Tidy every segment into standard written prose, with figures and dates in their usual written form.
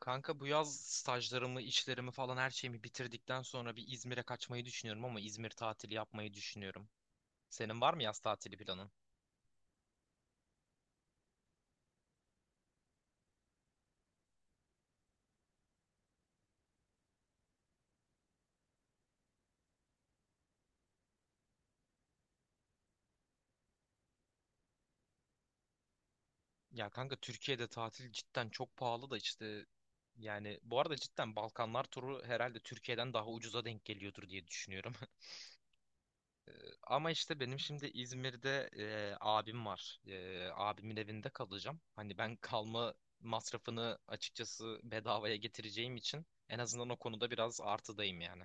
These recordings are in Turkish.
Kanka bu yaz stajlarımı, işlerimi falan her şeyimi bitirdikten sonra bir İzmir'e kaçmayı düşünüyorum ama İzmir tatili yapmayı düşünüyorum. Senin var mı yaz tatili planın? Ya kanka Türkiye'de tatil cidden çok pahalı da işte yani bu arada cidden Balkanlar turu herhalde Türkiye'den daha ucuza denk geliyordur diye düşünüyorum. Ama işte benim şimdi İzmir'de abim var. Abimin evinde kalacağım. Hani ben kalma masrafını açıkçası bedavaya getireceğim için en azından o konuda biraz artıdayım yani.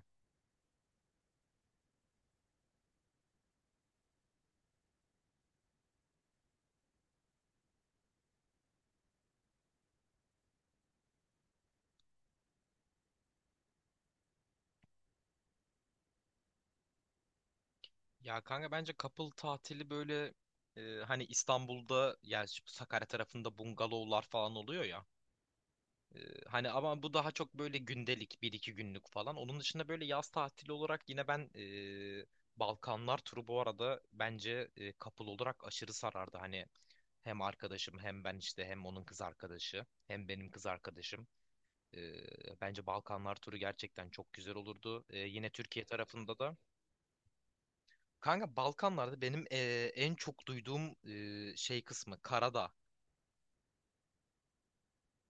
Ya kanka bence couple tatili böyle e, hani İstanbul'da yani şu Sakarya tarafında bungalovlar falan oluyor ya. E, Hani ama bu daha çok böyle gündelik bir iki günlük falan. Onun dışında böyle yaz tatili olarak yine ben e, Balkanlar turu bu arada bence couple olarak aşırı sarardı. Hani hem arkadaşım hem ben işte hem onun kız arkadaşı hem benim kız arkadaşım. E, Bence Balkanlar turu gerçekten çok güzel olurdu. Yine Türkiye tarafında da. Kanka Balkanlarda benim en çok duyduğum şey kısmı Karadağ.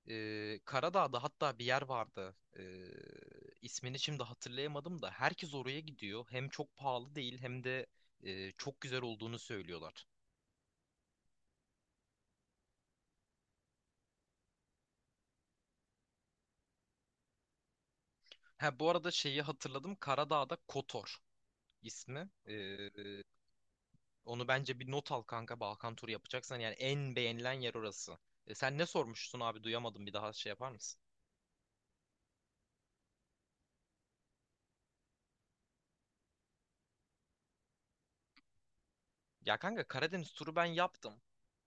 Karadağ'da hatta bir yer vardı. İsmini şimdi hatırlayamadım da herkes oraya gidiyor. Hem çok pahalı değil hem de çok güzel olduğunu söylüyorlar. Ha bu arada şeyi hatırladım. Karadağ'da Kotor ismi. Onu bence bir not al kanka Balkan turu yapacaksan. Yani en beğenilen yer orası. Sen ne sormuştun abi duyamadım bir daha şey yapar mısın? Ya kanka Karadeniz turu ben yaptım.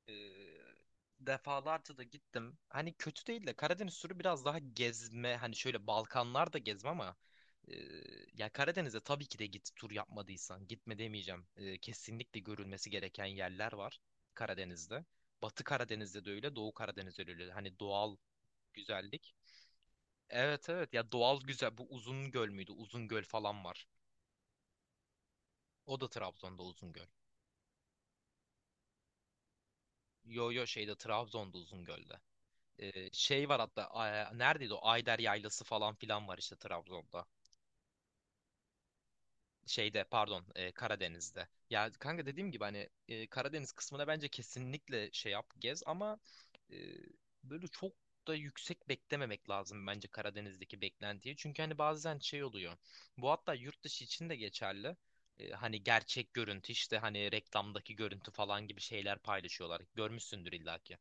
e, Defalarca da gittim. Hani kötü değil de Karadeniz turu biraz daha gezme. Hani şöyle Balkanlar da gezme ama e, ya Karadeniz'e tabii ki de git tur yapmadıysan. Gitme demeyeceğim. Kesinlikle görülmesi gereken yerler var Karadeniz'de. Batı Karadeniz'de de öyle, Doğu Karadeniz'de de öyle. Hani doğal güzellik. Evet evet, ya doğal güzel. Bu Uzungöl müydü? Uzungöl falan var. O da Trabzon'da Uzungöl. Yo yo şeyde Trabzon'da Uzungöl'de. Şey var hatta neredeydi o Ayder Yaylası falan filan var işte Trabzon'da. Şeyde pardon Karadeniz'de. Ya kanka dediğim gibi hani Karadeniz kısmına bence kesinlikle şey yap gez ama e, böyle çok da yüksek beklememek lazım bence Karadeniz'deki beklentiyi. Çünkü hani bazen şey oluyor. Bu hatta yurt dışı için de geçerli. Hani gerçek görüntü işte hani reklamdaki görüntü falan gibi şeyler paylaşıyorlar. Görmüşsündür illaki.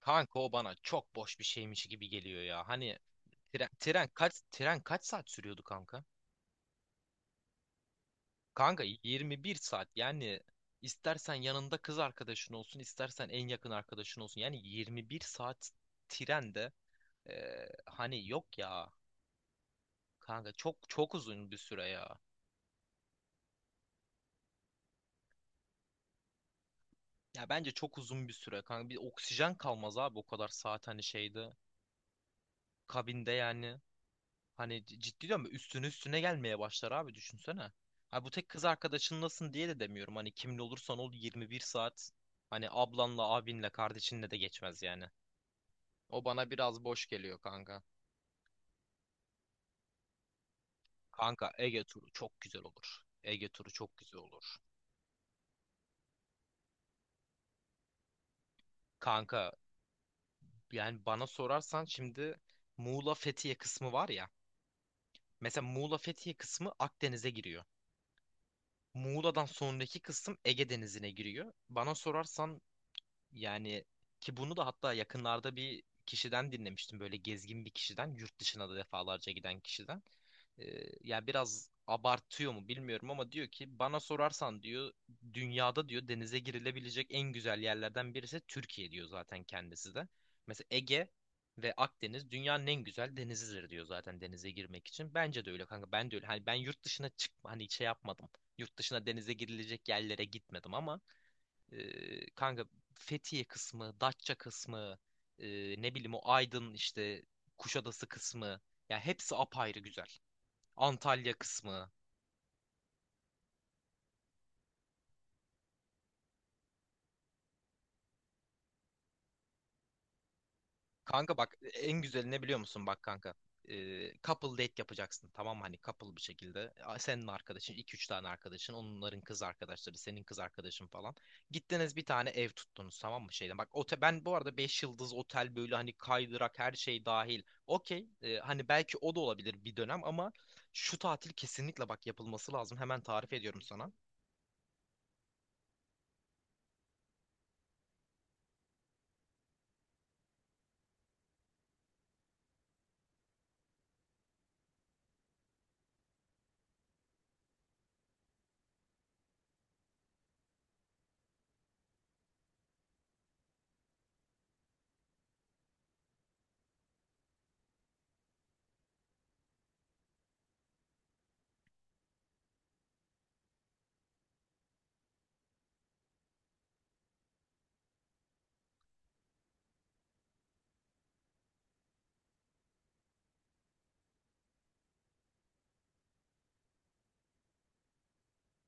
Kanka o bana çok boş bir şeymiş gibi geliyor ya. Hani Tren kaç saat sürüyordu kanka? Kanka 21 saat. Yani istersen yanında kız arkadaşın olsun, istersen en yakın arkadaşın olsun. Yani 21 saat trende hani yok ya. Kanka çok uzun bir süre ya. Ya bence çok uzun bir süre kanka. Bir oksijen kalmaz abi o kadar saat hani şeyde kabinde yani. Hani ciddi diyorum ya, üstüne üstüne gelmeye başlar abi düşünsene. Ha bu tek kız arkadaşınlasın diye de demiyorum. Hani kimli olursan ol 21 saat hani ablanla, abinle, kardeşinle de geçmez yani. O bana biraz boş geliyor kanka. Kanka Ege turu çok güzel olur. Ege turu çok güzel olur. Kanka yani bana sorarsan şimdi Muğla Fethiye kısmı var ya. Mesela Muğla Fethiye kısmı Akdeniz'e giriyor. Muğla'dan sonraki kısım Ege Denizi'ne giriyor. Bana sorarsan yani, ki bunu da hatta yakınlarda bir kişiden dinlemiştim. Böyle gezgin bir kişiden, yurt dışına da defalarca giden kişiden. Ya biraz abartıyor mu bilmiyorum ama diyor ki bana sorarsan diyor dünyada diyor denize girilebilecek en güzel yerlerden birisi Türkiye diyor zaten kendisi de. Mesela Ege ve Akdeniz dünyanın en güzel denizidir diyor zaten denize girmek için. Bence de öyle kanka. Ben de öyle. Hani ben yurt dışına çık hani şey yapmadım. Yurt dışına denize girilecek yerlere gitmedim ama kanka Fethiye kısmı, Datça kısmı, e, ne bileyim o Aydın işte Kuşadası kısmı. Ya hepsi apayrı güzel. Antalya kısmı. Kanka bak en güzeli ne biliyor musun bak kanka. Couple date yapacaksın tamam mı? Hani couple bir şekilde. Senin arkadaşın iki üç tane arkadaşın. Onların kız arkadaşları. Senin kız arkadaşın falan. Gittiniz bir tane ev tuttunuz tamam mı? Şeyden. Bak ben bu arada 5 yıldız otel böyle hani kaydırak her şey dahil. Okey. Hani belki o da olabilir bir dönem ama şu tatil kesinlikle bak yapılması lazım. Hemen tarif ediyorum sana.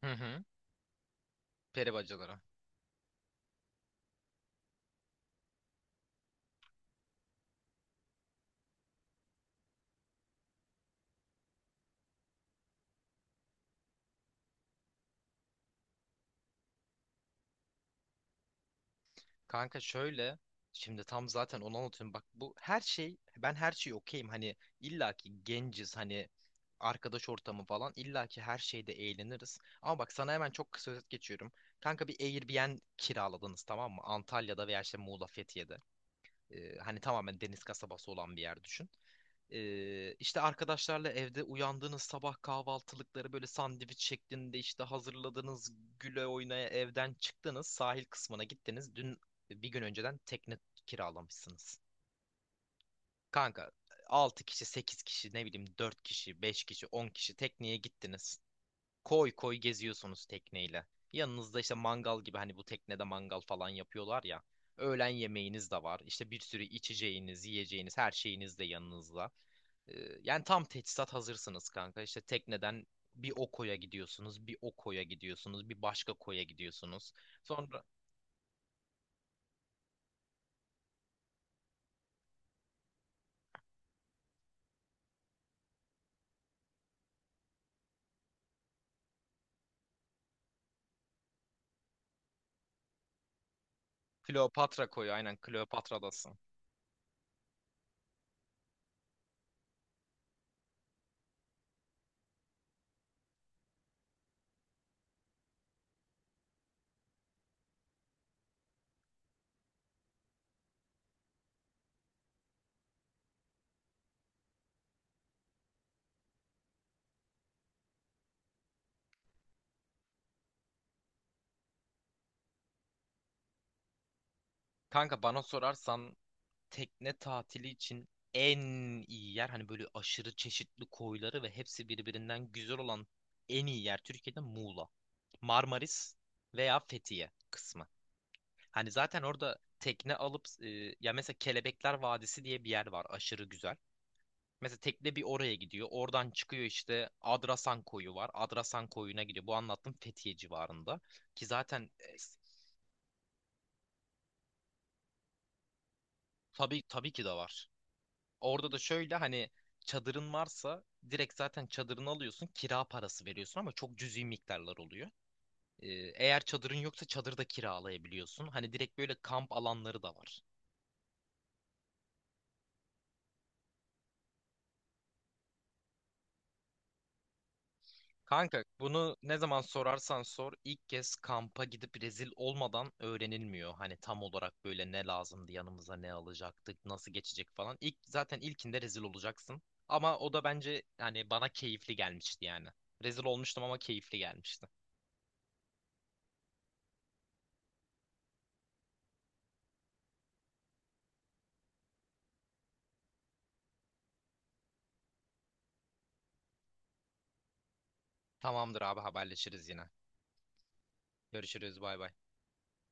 Hı hı. Peri bacaları. Kanka şöyle şimdi tam zaten onu anlatıyorum. Bak bu her şey ben her şeyi okeyim. Hani illaki genciz hani arkadaş ortamı falan illaki her şeyde eğleniriz. Ama bak sana hemen çok kısa özet geçiyorum. Kanka bir Airbnb kiraladınız tamam mı? Antalya'da veya işte Muğla, Fethiye'de. Hani tamamen deniz kasabası olan bir yer düşün. İşte arkadaşlarla evde uyandığınız sabah kahvaltılıkları böyle sandviç şeklinde işte hazırladınız, güle oynaya evden çıktınız, sahil kısmına gittiniz. Bir gün önceden tekne kiralamışsınız. Kanka 6 kişi, 8 kişi, ne bileyim 4 kişi, 5 kişi, 10 kişi tekneye gittiniz. Koy koy geziyorsunuz tekneyle. Yanınızda işte mangal gibi hani bu teknede mangal falan yapıyorlar ya. Öğlen yemeğiniz de var. İşte bir sürü içeceğiniz, yiyeceğiniz, her şeyiniz de yanınızda. Ee, Yani tam teçhizat hazırsınız kanka. İşte tekneden bir o koya gidiyorsunuz, bir o koya gidiyorsunuz, bir başka koya gidiyorsunuz. Sonra Kleopatra koyu, aynen Kleopatra'dasın. Kanka bana sorarsan tekne tatili için en iyi yer hani böyle aşırı çeşitli koyları ve hepsi birbirinden güzel olan en iyi yer Türkiye'de Muğla. Marmaris veya Fethiye kısmı. Hani zaten orada tekne alıp ya mesela Kelebekler Vadisi diye bir yer var aşırı güzel. Mesela tekne bir oraya gidiyor. Oradan çıkıyor işte Adrasan Koyu var. Adrasan Koyu'na gidiyor. Bu anlattım Fethiye civarında. Ki zaten tabii tabii ki de var. Orada da şöyle hani çadırın varsa direkt zaten çadırını alıyorsun, kira parası veriyorsun ama çok cüzi miktarlar oluyor. Ee, Eğer çadırın yoksa çadırda kiralayabiliyorsun. Hani direkt böyle kamp alanları da var. Kanka bunu ne zaman sorarsan sor ilk kez kampa gidip rezil olmadan öğrenilmiyor. Hani tam olarak böyle ne lazımdı yanımıza ne alacaktık nasıl geçecek falan. İlk zaten ilkinde rezil olacaksın. Ama o da bence hani bana keyifli gelmişti yani. Rezil olmuştum ama keyifli gelmişti. Tamamdır abi haberleşiriz yine. Görüşürüz bay bay.